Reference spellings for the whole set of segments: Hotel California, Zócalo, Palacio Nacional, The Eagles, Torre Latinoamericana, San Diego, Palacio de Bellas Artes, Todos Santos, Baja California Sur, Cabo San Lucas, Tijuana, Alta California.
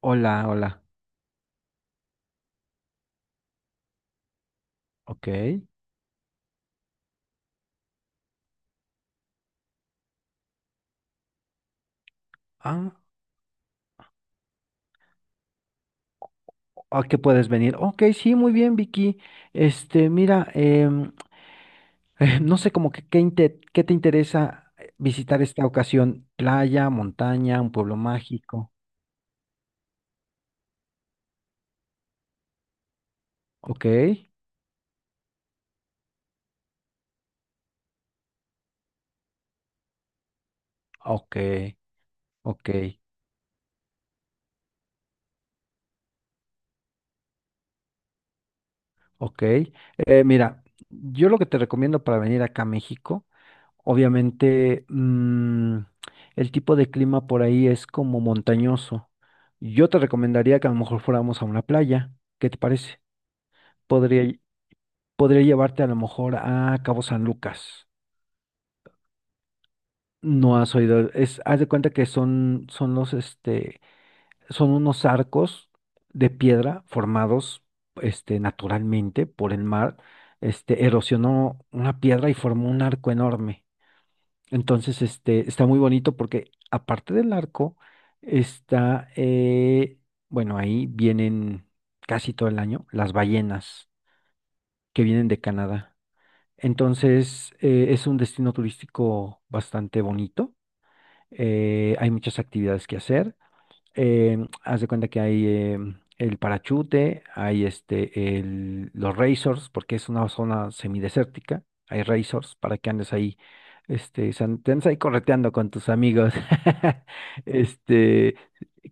Hola, hola. Ok. Ah, ¿a qué puedes venir? Ok, sí, muy bien, Vicky. Este, mira, no sé como que qué, qué te interesa visitar esta ocasión. Playa, montaña, un pueblo mágico. Ok, ok, ok, ok. Mira, yo lo que te recomiendo para venir acá a México. Obviamente, el tipo de clima por ahí es como montañoso. Yo te recomendaría que a lo mejor fuéramos a una playa. ¿Qué te parece? Podría, podría llevarte a lo mejor a Cabo San Lucas. No has oído, es, haz de cuenta que son los, este, son unos arcos de piedra formados, este, naturalmente por el mar. Este, erosionó una piedra y formó un arco enorme. Entonces, este, está muy bonito porque aparte del arco, está, bueno, ahí vienen casi todo el año las ballenas que vienen de Canadá. Entonces, es un destino turístico bastante bonito. Hay muchas actividades que hacer haz de cuenta que hay el parachute, hay este, los racers, porque es una zona semidesértica, hay racers para que andes ahí, este, te andes ahí correteando con tus amigos. Este,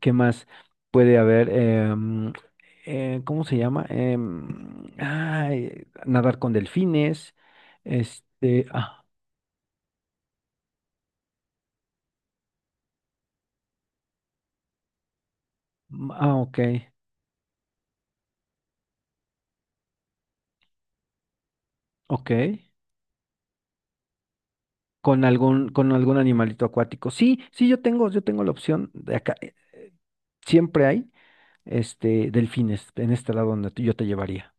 ¿qué más puede haber? ¿Cómo se llama? Ay, nadar con delfines, este, ah, ah, ok, ok. Con algún animalito acuático. Sí, sí, yo tengo la opción de acá. Siempre hay este delfines en este lado donde yo te llevaría.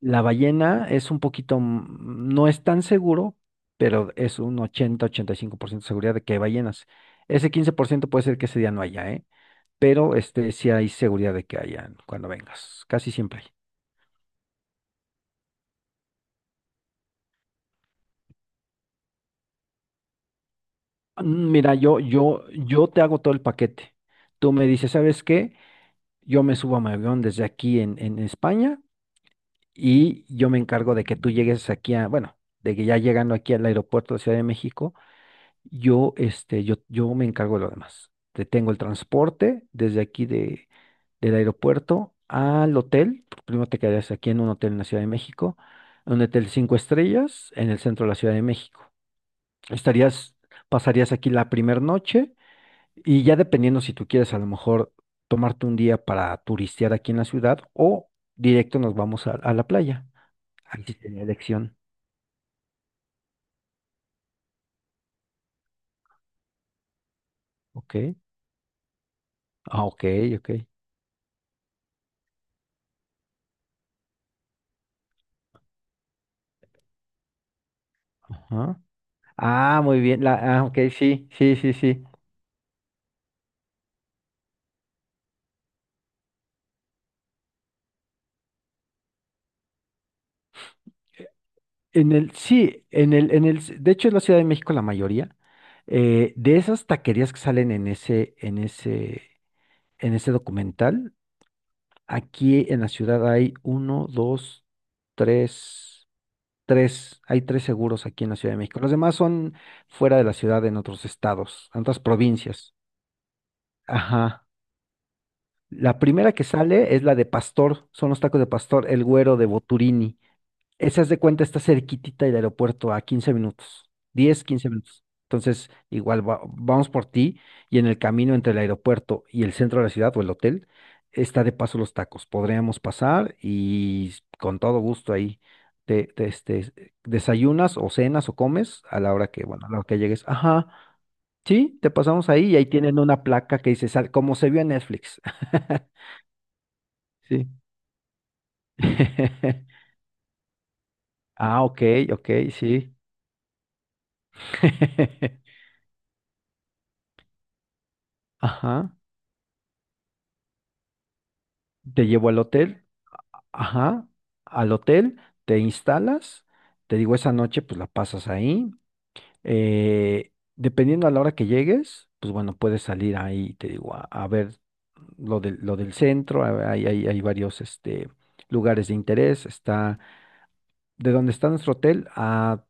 La ballena es un poquito, no es tan seguro, pero es un 80-85% de seguridad de que hay ballenas. Ese 15% puede ser que ese día no haya, ¿eh? Pero este sí hay seguridad de que hayan cuando vengas. Casi siempre hay. Mira, yo te hago todo el paquete. Tú me dices, ¿sabes qué? Yo me subo a mi avión desde aquí en España, y yo me encargo de que tú llegues aquí a, bueno, de que ya llegando aquí al aeropuerto de Ciudad de México, yo me encargo de lo demás. Te tengo el transporte desde aquí del aeropuerto al hotel. Primero te quedarías aquí en un hotel en la Ciudad de México, en un hotel cinco estrellas en el centro de la Ciudad de México. Estarías, pasarías aquí la primera noche, y ya dependiendo si tú quieres a lo mejor tomarte un día para turistear aquí en la ciudad o directo nos vamos a la playa. Antes tenía elección. Ok. Ah, ok, ok. Ajá. Ah, muy bien. Ah, ok, sí, sí, sí, sí. Sí, de hecho en la Ciudad de México la mayoría, de esas taquerías que salen en ese documental, aquí en la ciudad hay uno, dos, tres, tres, hay tres seguros aquí en la Ciudad de México. Los demás son fuera de la ciudad, en otros estados, en otras provincias. Ajá. La primera que sale es la de Pastor, son los tacos de Pastor, el güero de Boturini. Esa es de cuenta, está cerquitita del aeropuerto a 15 minutos, 10, 15 minutos. Entonces, igual vamos por ti, y en el camino entre el aeropuerto y el centro de la ciudad o el hotel, está de paso los tacos. Podríamos pasar y con todo gusto ahí te, este, desayunas o cenas o comes a la hora que, bueno, a la hora que llegues. Ajá, sí, te pasamos ahí y ahí tienen una placa que dice, como se vio en Netflix. Sí. Ah, ok, ok, sí. Ajá. Te llevo al hotel. Ajá. Al hotel, te instalas. Te digo, esa noche pues la pasas ahí. Dependiendo a la hora que llegues, pues bueno, puedes salir ahí, te digo, a ver lo del centro. Hay varios este, lugares de interés. Está de donde está nuestro hotel a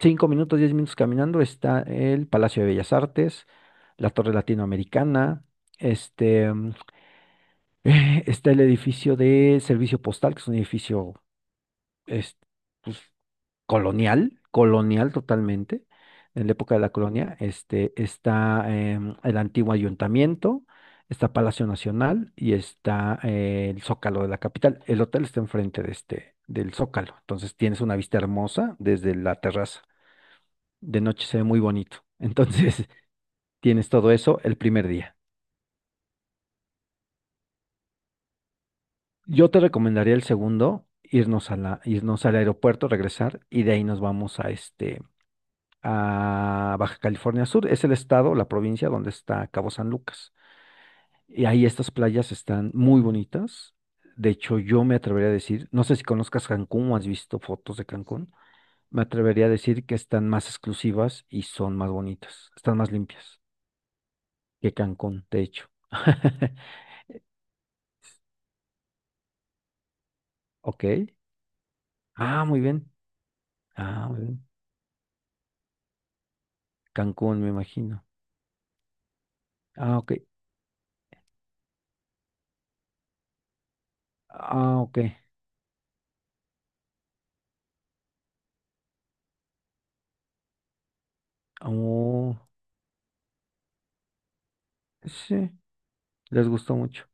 5 minutos, 10 minutos caminando está el Palacio de Bellas Artes, la Torre Latinoamericana, este, está el edificio de Servicio Postal, que es un edificio es, pues, colonial, colonial totalmente, en la época de la colonia. Este, está el antiguo ayuntamiento, está Palacio Nacional y está el Zócalo de la capital. El hotel está enfrente de este, del Zócalo, entonces tienes una vista hermosa desde la terraza; de noche se ve muy bonito. Entonces, tienes todo eso el primer día. Yo te recomendaría el segundo, irnos irnos al aeropuerto, regresar, y de ahí nos vamos a este, a Baja California Sur. Es el estado, la provincia donde está Cabo San Lucas. Y ahí estas playas están muy bonitas. De hecho, yo me atrevería a decir, no sé si conozcas Cancún o has visto fotos de Cancún, me atrevería a decir que están más exclusivas y son más bonitas, están más limpias que Cancún, de hecho. Ok. Ah, muy bien. Ah, muy bien. Cancún, me imagino. Ah, ok. Ah, ok. Oh, sí, les gustó mucho.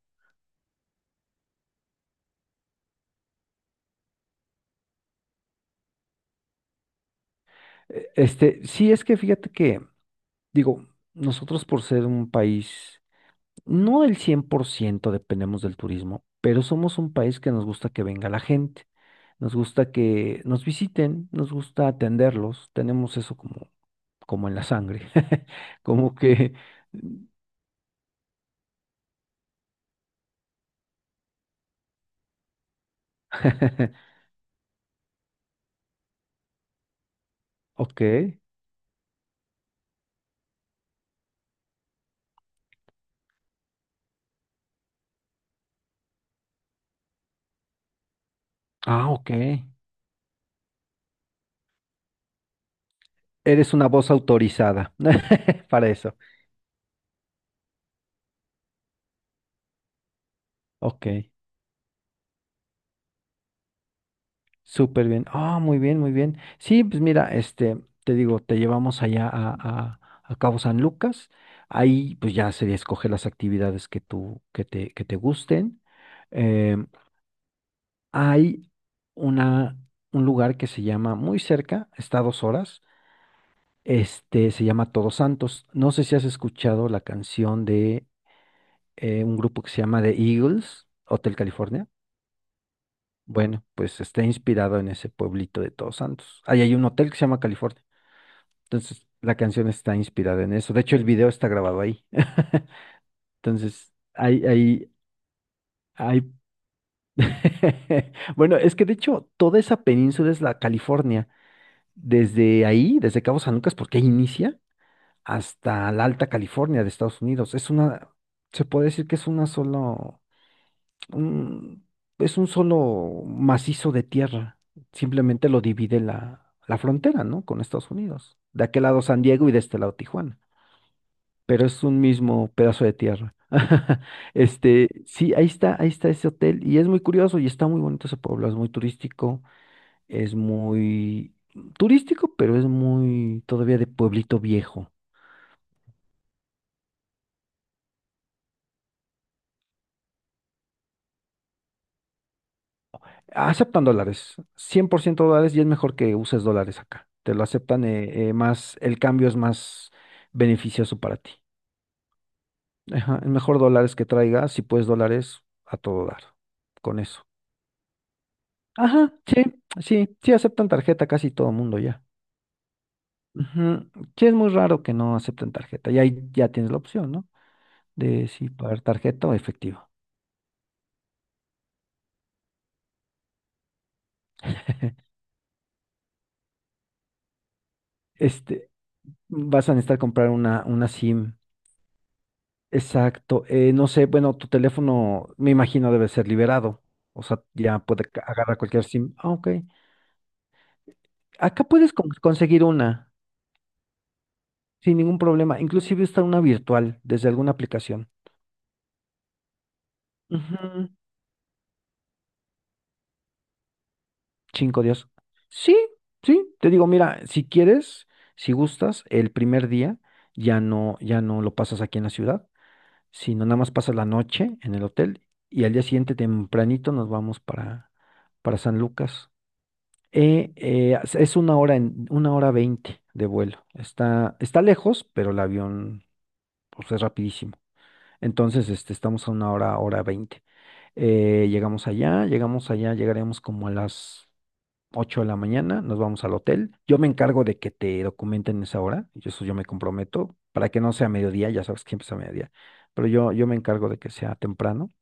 Este, sí, es que fíjate que, digo, nosotros por ser un país, no el 100% dependemos del turismo, pero somos un país que nos gusta que venga la gente, nos gusta que nos visiten, nos gusta atenderlos, tenemos eso como en la sangre, como que... Ok. Ah, ok. Eres una voz autorizada para eso. Ok, súper bien. Ah, muy bien, muy bien. Sí, pues mira, este, te digo, te llevamos allá a Cabo San Lucas. Ahí pues ya sería escoger las actividades que tú, que te gusten. Em, hay una, un lugar que se llama muy cerca, está a 2 horas. Este se llama Todos Santos. No sé si has escuchado la canción de un grupo que se llama The Eagles, Hotel California. Bueno, pues está inspirado en ese pueblito de Todos Santos. Ahí hay un hotel que se llama California. Entonces, la canción está inspirada en eso. De hecho, el video está grabado ahí. Entonces, hay. Bueno, es que de hecho, toda esa península es la California. Desde ahí, desde Cabo San Lucas, porque ahí inicia, hasta la Alta California de Estados Unidos. Se puede decir que es una sola. un- es un solo macizo de tierra. Simplemente lo divide la frontera, ¿no? Con Estados Unidos. De aquel lado San Diego y de este lado Tijuana. Pero es un mismo pedazo de tierra. Este, sí, ahí está ese hotel. Y es muy curioso y está muy bonito ese pueblo. Es muy turístico. Es muy turístico, pero es muy todavía de pueblito viejo. Aceptan dólares, 100% dólares y es mejor que uses dólares acá. Te lo aceptan más, el cambio es más beneficioso para ti. Ajá, es mejor dólares que traigas, si puedes dólares, a todo dar, con eso. Ajá, sí, sí, sí aceptan tarjeta casi todo el mundo ya. Ujú, sí, es muy raro que no acepten tarjeta y ahí ya tienes la opción, ¿no? De si pagar tarjeta o efectivo. Este, vas a necesitar comprar una SIM. Exacto. No sé, bueno, tu teléfono me imagino debe ser liberado. O sea, ya puede agarrar cualquier SIM. Ah, ok. Acá puedes conseguir una sin ningún problema. Inclusive está una virtual desde alguna aplicación. Ujú, 5 días. Sí, sí. Te digo, mira, si quieres, si gustas, el primer día ya no, ya no, lo pasas aquí en la ciudad, sino nada más pasas la noche en el hotel y al día siguiente tempranito nos vamos para San Lucas. Es una hora en, una hora veinte de vuelo. Está lejos, pero el avión pues, es rapidísimo. Entonces, este, estamos a una hora, hora veinte. Llegaremos como a las 8 de la mañana, nos vamos al hotel. Yo me encargo de que te documenten esa hora, y eso yo me comprometo, para que no sea mediodía, ya sabes que empieza a mediodía, pero yo me encargo de que sea temprano.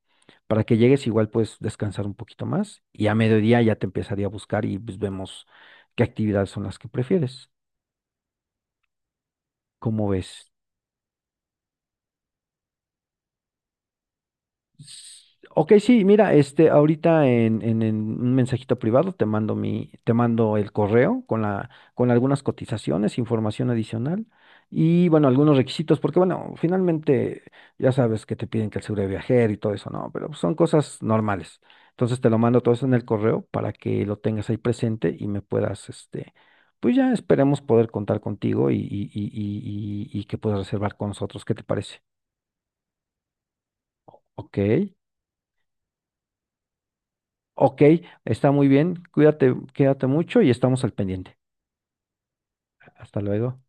Para que llegues igual puedes descansar un poquito más y a mediodía ya te empezaría a buscar y pues vemos qué actividades son las que prefieres. ¿Cómo ves? Ok, sí, mira, este, ahorita en un mensajito privado te mando el correo con algunas cotizaciones, información adicional y bueno, algunos requisitos, porque bueno, finalmente ya sabes que te piden que el seguro de viajero y todo eso, no, pero son cosas normales. Entonces te lo mando todo eso en el correo para que lo tengas ahí presente y me puedas, este, pues ya esperemos poder contar contigo que puedas reservar con nosotros. ¿Qué te parece? Ok. Ok, está muy bien. Cuídate, quédate mucho y estamos al pendiente. Hasta luego.